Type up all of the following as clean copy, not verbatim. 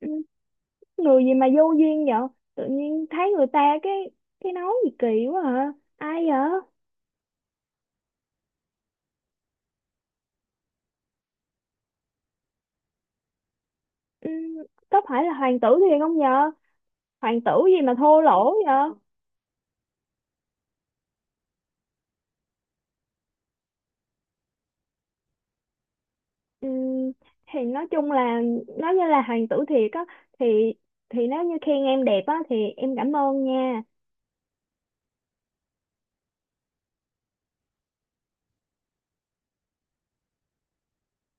Ừ, người gì mà vô duyên vậy. Tự nhiên thấy người ta cái nói gì kỳ quá, hả? Ai vậy? Ừ, có phải là hoàng tử thiền không nhờ? Hoàng tử gì mà thô lỗ vậy? Ừ, thì nói chung là nói như là hoàng tử thiệt á, thì thì nếu như khen em đẹp á thì em cảm ơn nha.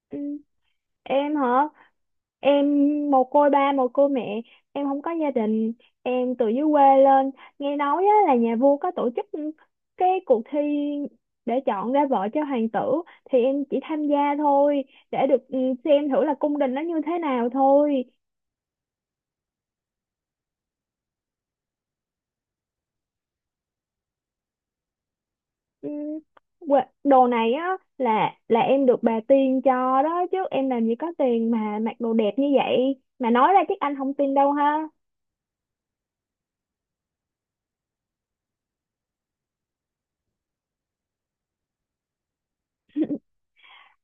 Ừ, em hả? Em mồ côi ba mồ côi mẹ, em không có gia đình, em từ dưới quê lên. Nghe nói á, là nhà vua có tổ chức cái cuộc thi để chọn ra vợ cho hoàng tử, thì em chỉ tham gia thôi, để được xem thử là cung đình nó như thế nào thôi. Ừ, đồ này á là em được bà tiên cho đó, chứ em làm gì có tiền mà mặc đồ đẹp như vậy, mà nói ra chắc anh không tin đâu ha.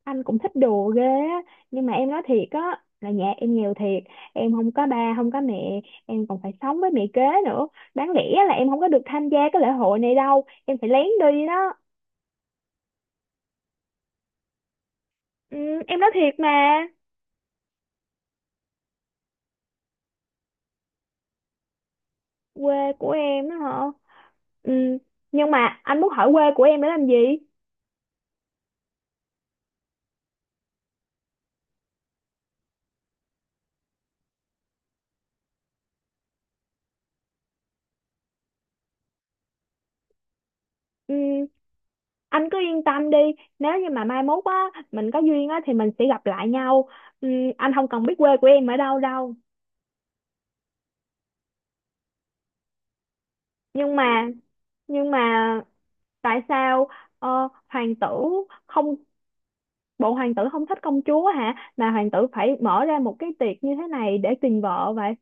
Anh cũng thích đùa ghê á, nhưng mà em nói thiệt á là nhà em nghèo thiệt, em không có ba không có mẹ, em còn phải sống với mẹ kế nữa. Đáng lẽ là em không có được tham gia cái lễ hội này đâu, em phải lén đi đó. Ừ, em nói thiệt mà. Quê của em á hả? Ừ, nhưng mà anh muốn hỏi quê của em để làm gì? Ừ, anh cứ yên tâm đi, nếu như mà mai mốt á mình có duyên á thì mình sẽ gặp lại nhau. Ừ, anh không cần biết quê của em ở đâu đâu. Nhưng mà nhưng mà tại sao ờ, hoàng tử không, bộ hoàng tử không thích công chúa hả, mà hoàng tử phải mở ra một cái tiệc như thế này để tìm vợ vậy?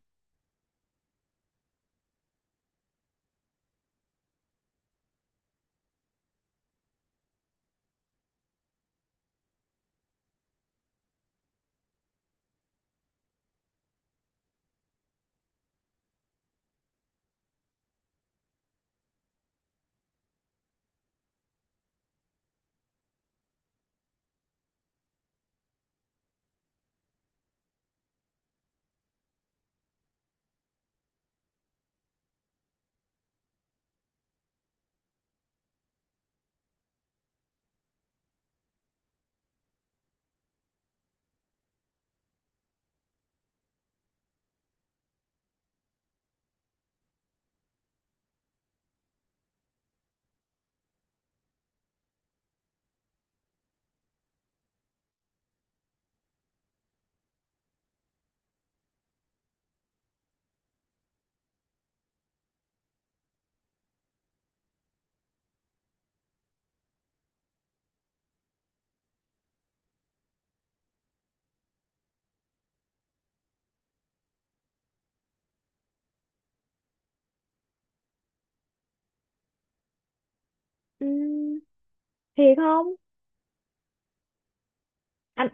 Ừm, thiệt không? anh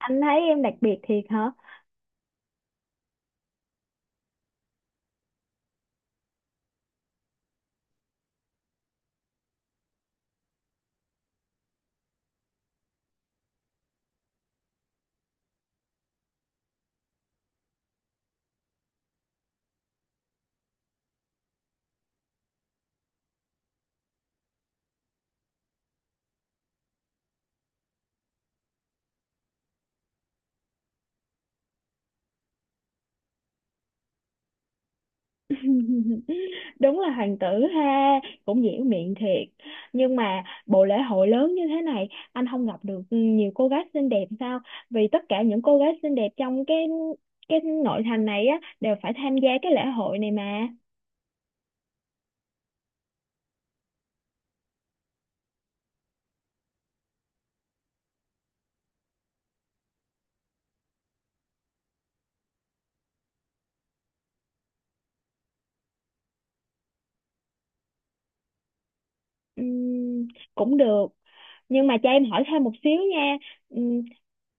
anh thấy em đặc biệt thiệt hả? Đúng là hoàng tử ha, cũng diễn miệng thiệt. Nhưng mà bộ lễ hội lớn như thế này anh không gặp được nhiều cô gái xinh đẹp sao? Vì tất cả những cô gái xinh đẹp trong cái nội thành này á đều phải tham gia cái lễ hội này mà. Ừm, cũng được, nhưng mà cho em hỏi thêm một xíu nha. Ừm,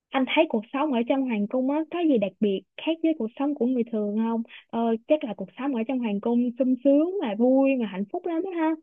anh thấy cuộc sống ở trong hoàng cung á có gì đặc biệt khác với cuộc sống của người thường không? Ờ, Chắc là cuộc sống ở trong hoàng cung sung sướng mà vui mà hạnh phúc lắm đó ha.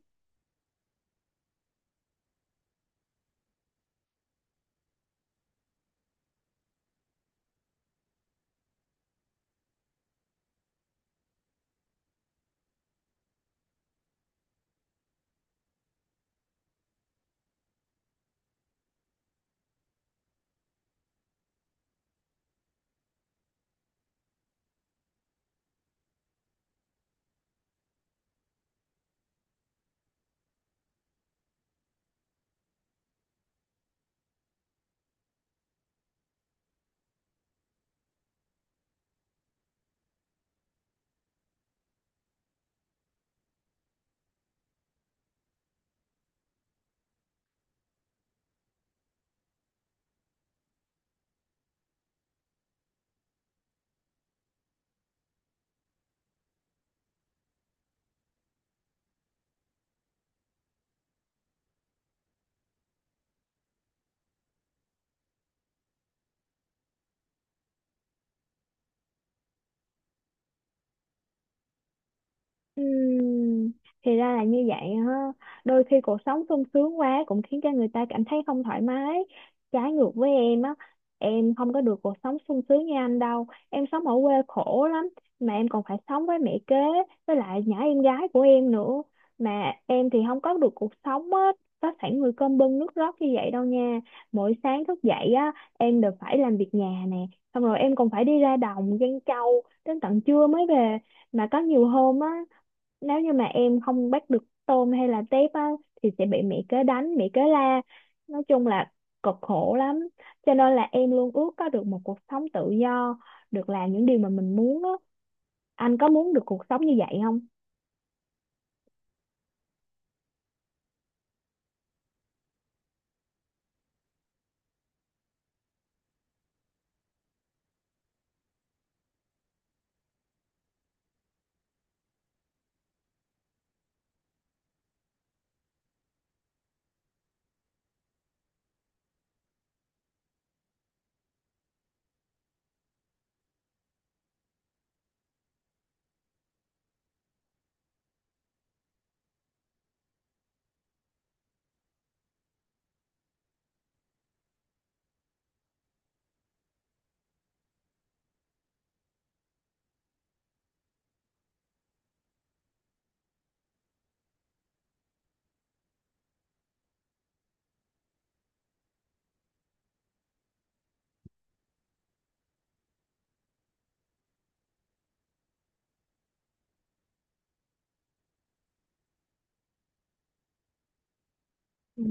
Ừm, thì ra là như vậy ha. Đôi khi cuộc sống sung sướng quá cũng khiến cho người ta cảm thấy không thoải mái. Trái ngược với em á, em không có được cuộc sống sung sướng như anh đâu. Em sống ở quê khổ lắm, mà em còn phải sống với mẹ kế, với lại nhỏ em gái của em nữa. Mà em thì không có được cuộc sống á, có sẵn người cơm bưng nước rót như vậy đâu nha. Mỗi sáng thức dậy á, em đều phải làm việc nhà nè. Xong rồi em còn phải đi ra đồng giăng trâu đến tận trưa mới về, mà có nhiều hôm á, nếu như mà em không bắt được tôm hay là tép á thì sẽ bị mẹ kế đánh mẹ kế la. Nói chung là cực khổ lắm, cho nên là em luôn ước có được một cuộc sống tự do, được làm những điều mà mình muốn á. Anh có muốn được cuộc sống như vậy không? Ừ.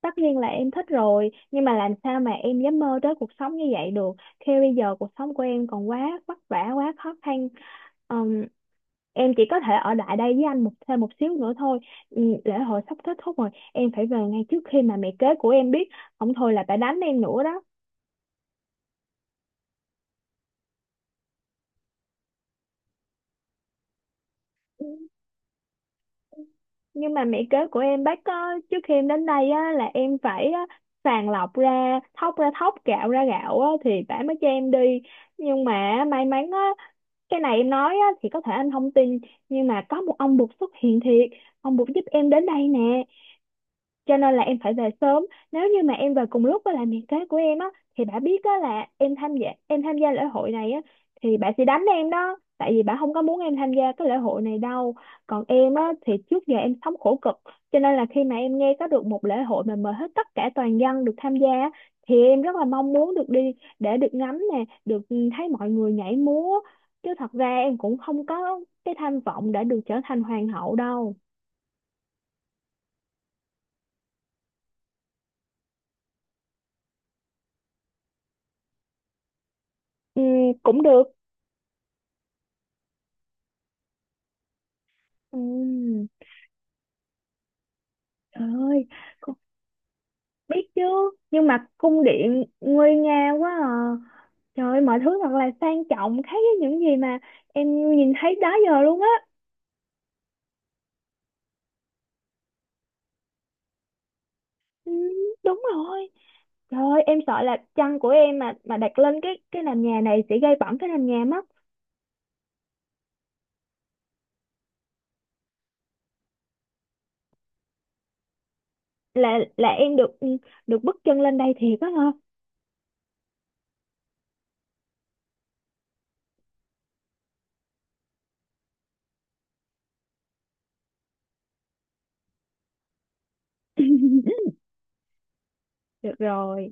Tất nhiên là em thích rồi, nhưng mà làm sao mà em dám mơ tới cuộc sống như vậy được, khi bây giờ cuộc sống của em còn quá vất vả quá khó khăn. Em chỉ có thể ở lại đây với anh một thêm một xíu nữa thôi. Ừ, lễ hội sắp kết thúc rồi, em phải về ngay trước khi mà mẹ kế của em biết, không thôi là phải đánh em nữa đó. Ừ, nhưng mà mẹ kế của em bác có, trước khi em đến đây á, là em phải á, sàng lọc ra thóc gạo ra gạo á, thì bà mới cho em đi. Nhưng mà may mắn á, cái này em nói á, thì có thể anh không tin, nhưng mà có một ông bụt xuất hiện thiệt, ông bụt giúp em đến đây nè, cho nên là em phải về sớm. Nếu như mà em về cùng lúc với lại mẹ kế của em á, thì bà biết á là em tham gia lễ hội này á, thì bà sẽ đánh em đó, tại vì bà không có muốn em tham gia cái lễ hội này đâu. Còn em á thì trước giờ em sống khổ cực, cho nên là khi mà em nghe có được một lễ hội mà mời hết tất cả toàn dân được tham gia á, thì em rất là mong muốn được đi, để được ngắm nè, được thấy mọi người nhảy múa, chứ thật ra em cũng không có cái tham vọng để được trở thành hoàng hậu đâu. Ừ, cũng được. Ừ. Trời ơi, con biết chứ. Nhưng mà cung điện nguy nga quá à. Trời ơi, mọi thứ thật là sang trọng, khác với những gì mà em nhìn thấy đó giờ luôn á. Ừ, đúng rồi. Trời ơi, em sợ là chăn của em mà đặt lên cái nền nhà này sẽ gây bẩn cái nền nhà mất. Là em được được bước chân lên đây thiệt á hả? Được rồi.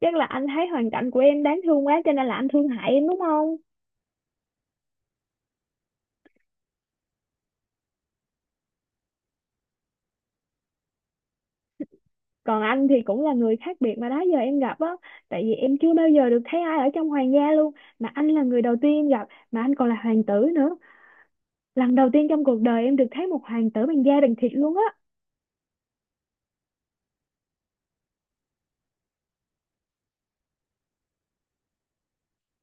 Chắc là anh thấy hoàn cảnh của em đáng thương quá, cho nên là anh thương hại em đúng không? Còn anh thì cũng là người khác biệt mà đó giờ em gặp á, tại vì em chưa bao giờ được thấy ai ở trong hoàng gia luôn, mà anh là người đầu tiên em gặp, mà anh còn là hoàng tử nữa. Lần đầu tiên trong cuộc đời em được thấy một hoàng tử bằng da bằng thịt luôn á.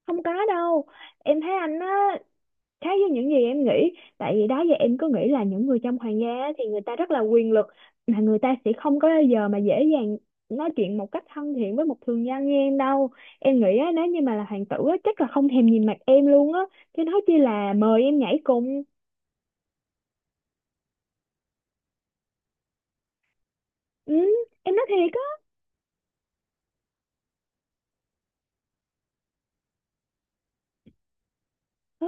Không có đâu, em thấy anh á, khác với những gì em nghĩ, tại vì đó giờ em cứ nghĩ là những người trong hoàng gia á thì người ta rất là quyền lực, mà người ta sẽ không có bao giờ mà dễ dàng nói chuyện một cách thân thiện với một thường dân như em đâu. Em nghĩ á, nếu như mà là hoàng tử á, chắc là không thèm nhìn mặt em luôn á, chứ nói chi là mời em nhảy cùng. Ừ, em nói thiệt á. Ừ,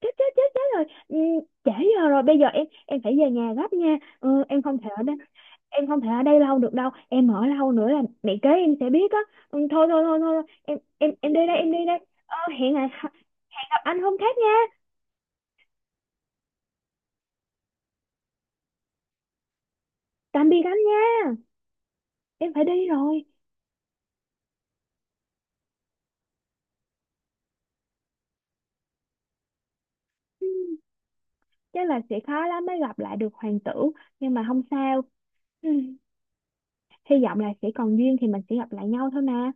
chết chết chết chết rồi, ừ, trễ giờ rồi, bây giờ em phải về nhà gấp nha, ừ, em không thể ở đây, em không thể ở đây lâu được đâu, em ở lâu nữa là mẹ kế em sẽ biết á. Ừ, thôi thôi thôi thôi, em đi đây, em đi đây. ờ, hẹn à, Hẹn gặp anh hôm khác nha. Tạm biệt anh nha, em phải đi rồi. Ừ, chắc là sẽ khó lắm mới gặp lại được hoàng tử, nhưng mà không sao. Ừ, hy vọng là sẽ còn duyên thì mình sẽ gặp lại nhau thôi mà.